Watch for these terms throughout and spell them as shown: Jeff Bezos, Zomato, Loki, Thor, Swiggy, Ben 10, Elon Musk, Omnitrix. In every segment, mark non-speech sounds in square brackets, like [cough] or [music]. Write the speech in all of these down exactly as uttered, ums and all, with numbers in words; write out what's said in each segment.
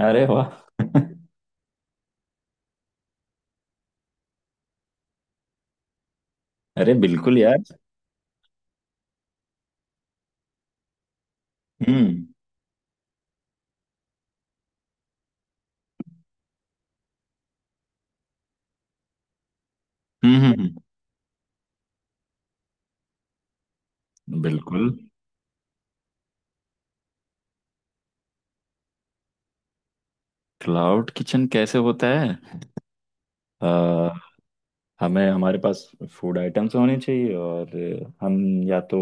अरे वाह। अरे बिल्कुल यार। हम्म, हम्म, हम्म, हम्म। बिल्कुल। क्लाउड किचन कैसे होता है? अ, हमें हमारे पास फूड आइटम्स होने चाहिए, और हम या तो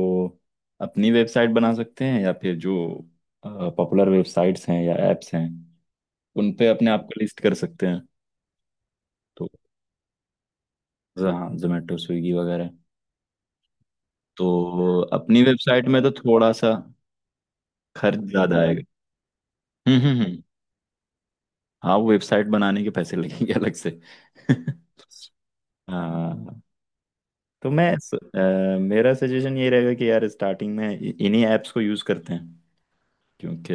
अपनी वेबसाइट बना सकते हैं, या फिर जो पॉपुलर वेबसाइट्स हैं या एप्स हैं उन पे अपने आप को लिस्ट कर सकते हैं। तो हाँ, जोमेटो स्विगी वगैरह। तो अपनी वेबसाइट में तो थोड़ा सा खर्च ज्यादा आएगा। हम्म, हम्म, हम्म। हाँ, वो वेबसाइट बनाने के पैसे लगेंगे अलग से। [laughs] हाँ। तो मैं स- अ, मेरा सजेशन ये रहेगा कि यार स्टार्टिंग में इ- इन्हीं ऐप्स को यूज़ करते हैं, क्योंकि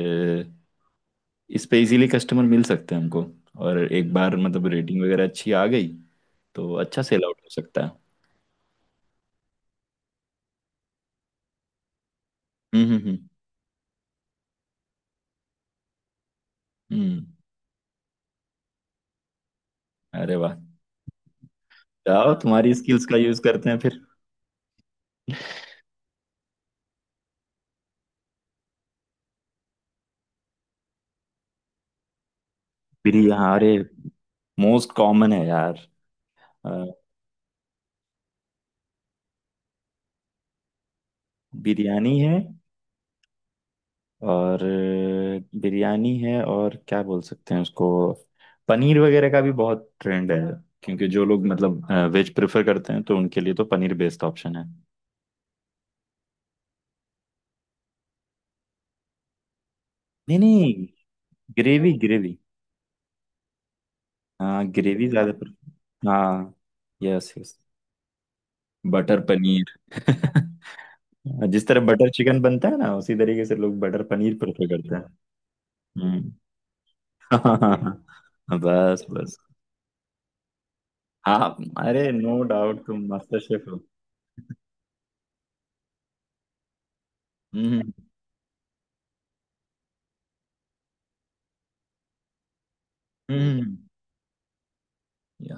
इस पे इजीली कस्टमर मिल सकते हैं हमको। और एक बार मतलब रेटिंग वगैरह अच्छी आ गई तो अच्छा सेल आउट हो सकता है। हम्म, हम्म, हम्म, हम्म। अरे वाह। जाओ, तुम्हारी स्किल्स का यूज़ करते हैं फिर। बिरयानी? अरे, मोस्ट कॉमन है यार। अ, बिरयानी है और बिरयानी है, और क्या बोल सकते हैं उसको। पनीर वगैरह का भी बहुत ट्रेंड है, क्योंकि जो लोग मतलब वेज प्रेफर करते हैं तो उनके लिए तो पनीर बेस्ट ऑप्शन है। नहीं, नहीं। Gravy, gravy. हाँ, ग्रेवी ज्यादा prefer- हाँ। Yes, yes. बटर पनीर। [laughs] जिस तरह बटर चिकन बनता है ना, उसी तरीके से लोग बटर पनीर प्रेफर करते हैं। हम्म। [laughs] हाँ, बस बस। हाँ। अरे नो डाउट, तुम मास्टर शेफ हो। हम्म, हम्म।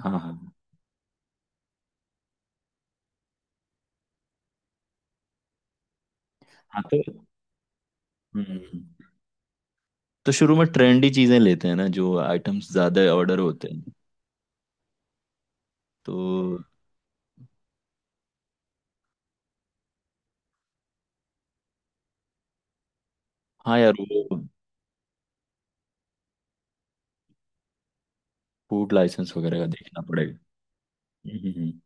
हाँ, हाँ। हाँ तो हम्म तो शुरू में ट्रेंडी चीजें लेते हैं ना, जो आइटम्स ज्यादा ऑर्डर होते हैं। तो हाँ यार, वो फूड लाइसेंस वगैरह का देखना पड़ेगा। हम्म, हम्म।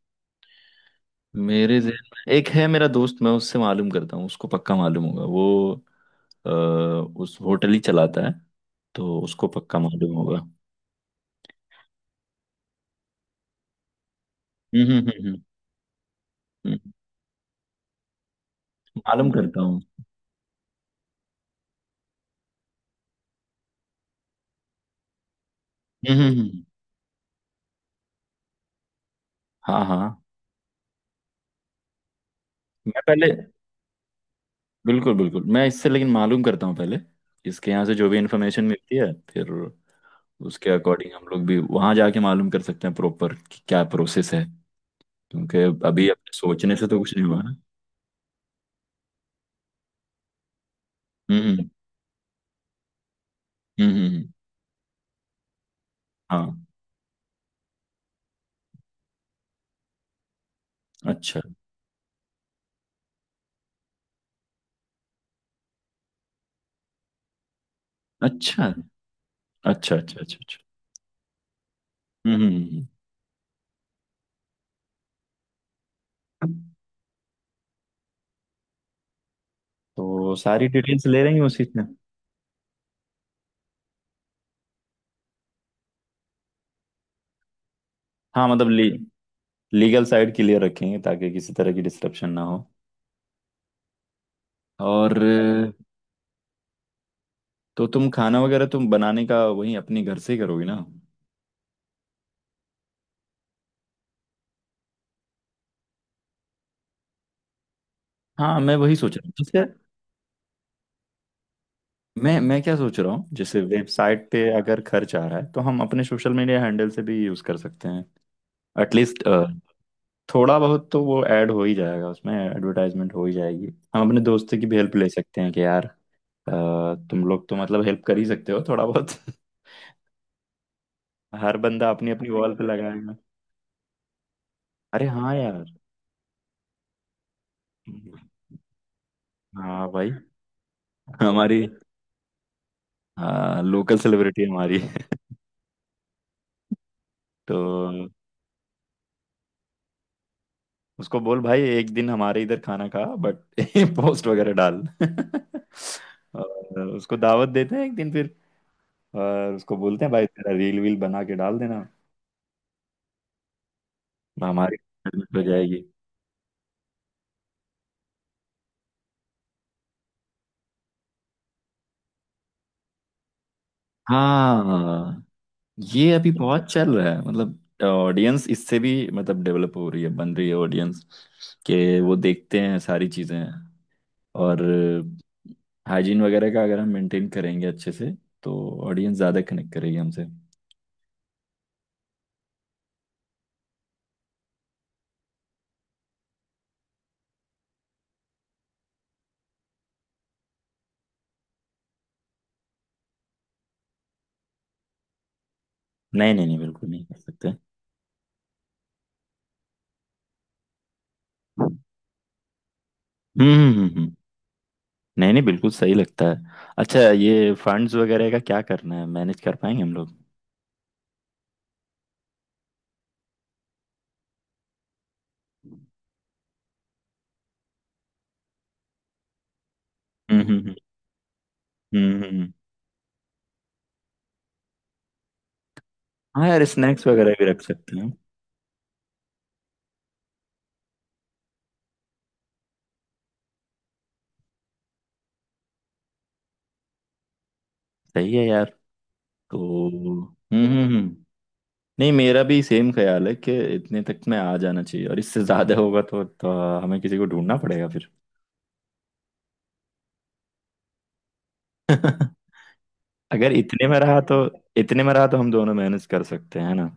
मेरे जहन में एक है, मेरा दोस्त। मैं उससे मालूम करता हूँ, उसको पक्का मालूम होगा। वो अ, उस होटल ही चलाता है, तो उसको पक्का मालूम होगा। हम्म, हम्म, हम्म, हम्म, हम्म। मालूम करता हूँ। हम्म, हम्म, हम्म। हाँ, हाँ। मैं पहले बिल्कुल, बिल्कुल। मैं इससे लेकिन मालूम करता हूँ पहले। इसके यहाँ से जो भी इंफॉर्मेशन मिलती है, फिर उसके अकॉर्डिंग हम लोग भी वहाँ जाके मालूम कर सकते हैं प्रॉपर, कि क्या प्रोसेस है। क्योंकि अभी अपने सोचने से तो कुछ नहीं हुआ ना। हम्म, हम्म, हम्म, हम्म, हम्म। हाँ। अच्छा, अच्छा, अच्छा, अच्छा, अच्छा, अच्छा। हम्म, हम्म, हम्म। हम्म। तो सारी डिटेल्स ले लेंगे उसी से। हाँ, मतलब ली, लीगल साइड क्लियर रखेंगे ताकि किसी तरह की डिस्टरप्शन ना हो। और तो तुम खाना वगैरह तुम बनाने का वहीं अपने घर से ही करोगी ना। हाँ, मैं वही सोच रहा हूँ। जैसे मैं मैं क्या सोच रहा हूँ, जैसे वेबसाइट पे अगर खर्च आ रहा है तो हम अपने सोशल मीडिया हैंडल से भी यूज कर सकते हैं। एटलीस्ट थोड़ा बहुत तो वो ऐड हो ही जाएगा, उसमें एडवर्टाइजमेंट हो ही जाएगी। हम अपने दोस्तों की भी हेल्प ले सकते हैं कि यार अ, तुम लोग तो मतलब हेल्प कर ही सकते हो थोड़ा बहुत। [laughs] हर बंदा अपनी अपनी वॉल पे लगाएगा। अरे हाँ यार। हाँ भाई। हमारी हाँ, लोकल सेलिब्रिटी हमारी। [laughs] तो उसको बोल, भाई एक दिन हमारे इधर खाना खा, बट [laughs] पोस्ट वगैरह डाल। [laughs] और उसको दावत देते हैं एक दिन फिर। और उसको बोलते हैं, भाई तेरा रील वील बना के डाल देना। हमारी मेहनत हो जाएगी। हाँ। ये अभी बहुत चल रहा है मतलब। ऑडियंस इससे भी मतलब डेवलप हो रही है, बन रही है ऑडियंस, कि वो देखते हैं सारी चीज़ें। और हाइजीन वगैरह का अगर हम मेंटेन करेंगे अच्छे से, तो ऑडियंस ज़्यादा कनेक्ट करेगी हमसे। नहीं, नहीं, नहीं, बिल्कुल नहीं कर सकते। हम्म, हम्म, हम्म, हम्म। नहीं, नहीं, बिल्कुल सही लगता है। अच्छा, ये फंड्स वगैरह का क्या करना है? मैनेज कर पाएंगे हम लोग? हम्म, हम्म, हम्म, हम्म, हम्म। हाँ यार, स्नैक्स वगैरह भी रख सकते हैं। सही है यार। तो हम्म, हम्म, हम्म। नहीं, मेरा भी सेम ख्याल है कि इतने तक में आ जाना चाहिए, और इससे ज्यादा होगा तो, तो हमें किसी को ढूंढना पड़ेगा फिर। [laughs] अगर इतने में रहा तो, इतने में रहा तो हम दोनों मैनेज कर सकते हैं ना।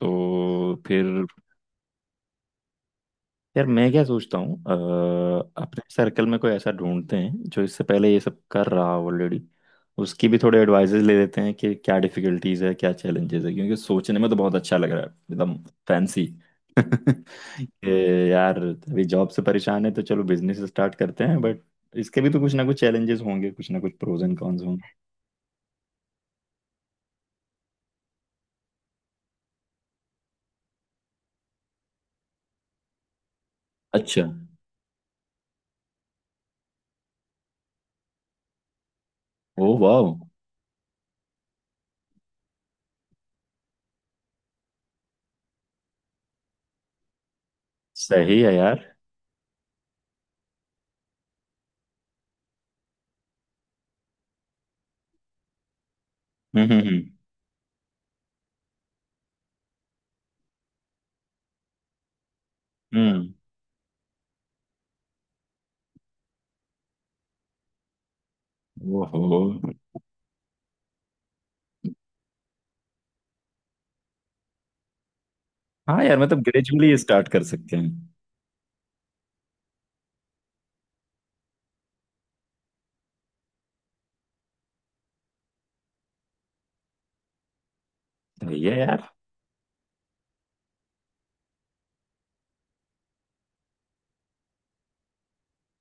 तो फिर। यार मैं क्या सोचता हूँ, अ, अपने सर्कल में कोई ऐसा ढूंढते हैं जो इससे पहले ये सब कर रहा हो ऑलरेडी। उसकी भी थोड़े एडवाइजेज ले लेते हैं, कि क्या डिफिकल्टीज है क्या चैलेंजेस है, क्योंकि सोचने में तो बहुत अच्छा लग रहा है एकदम फैंसी। [laughs] कि यार अभी जॉब से परेशान है तो चलो बिजनेस स्टार्ट करते हैं, बट इसके भी तो कुछ ना कुछ चैलेंजेस होंगे, कुछ ना कुछ प्रोज एंड कॉन्स होंगे। अच्छा। ओ वाह। सही है यार। हम्म, हम्म, हम्म, हम्म। ओहो। हाँ यार, मतलब ग्रेजुअली स्टार्ट कर सकते हैं। सही है यार।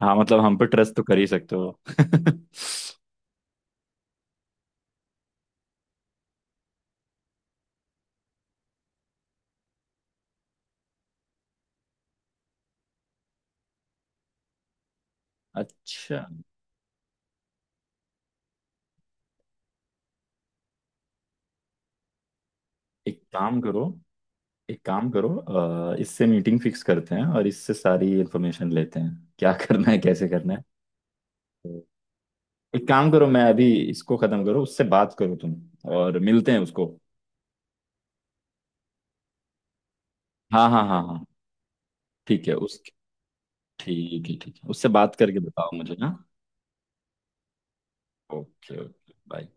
हाँ, मतलब हम पे ट्रस्ट तो कर ही सकते हो। [laughs] अच्छा, एक काम करो। एक काम करो, अ, इससे मीटिंग फिक्स करते हैं और इससे सारी इन्फॉर्मेशन लेते हैं क्या करना है कैसे करना है। तो एक काम करो, मैं अभी इसको खत्म करो, उससे बात करो तुम, और मिलते हैं उसको। हाँ, हाँ, हाँ, हाँ। ठीक है उस ठीक है, ठीक है, उससे बात करके बताओ मुझे ना। Okay, okay, bye.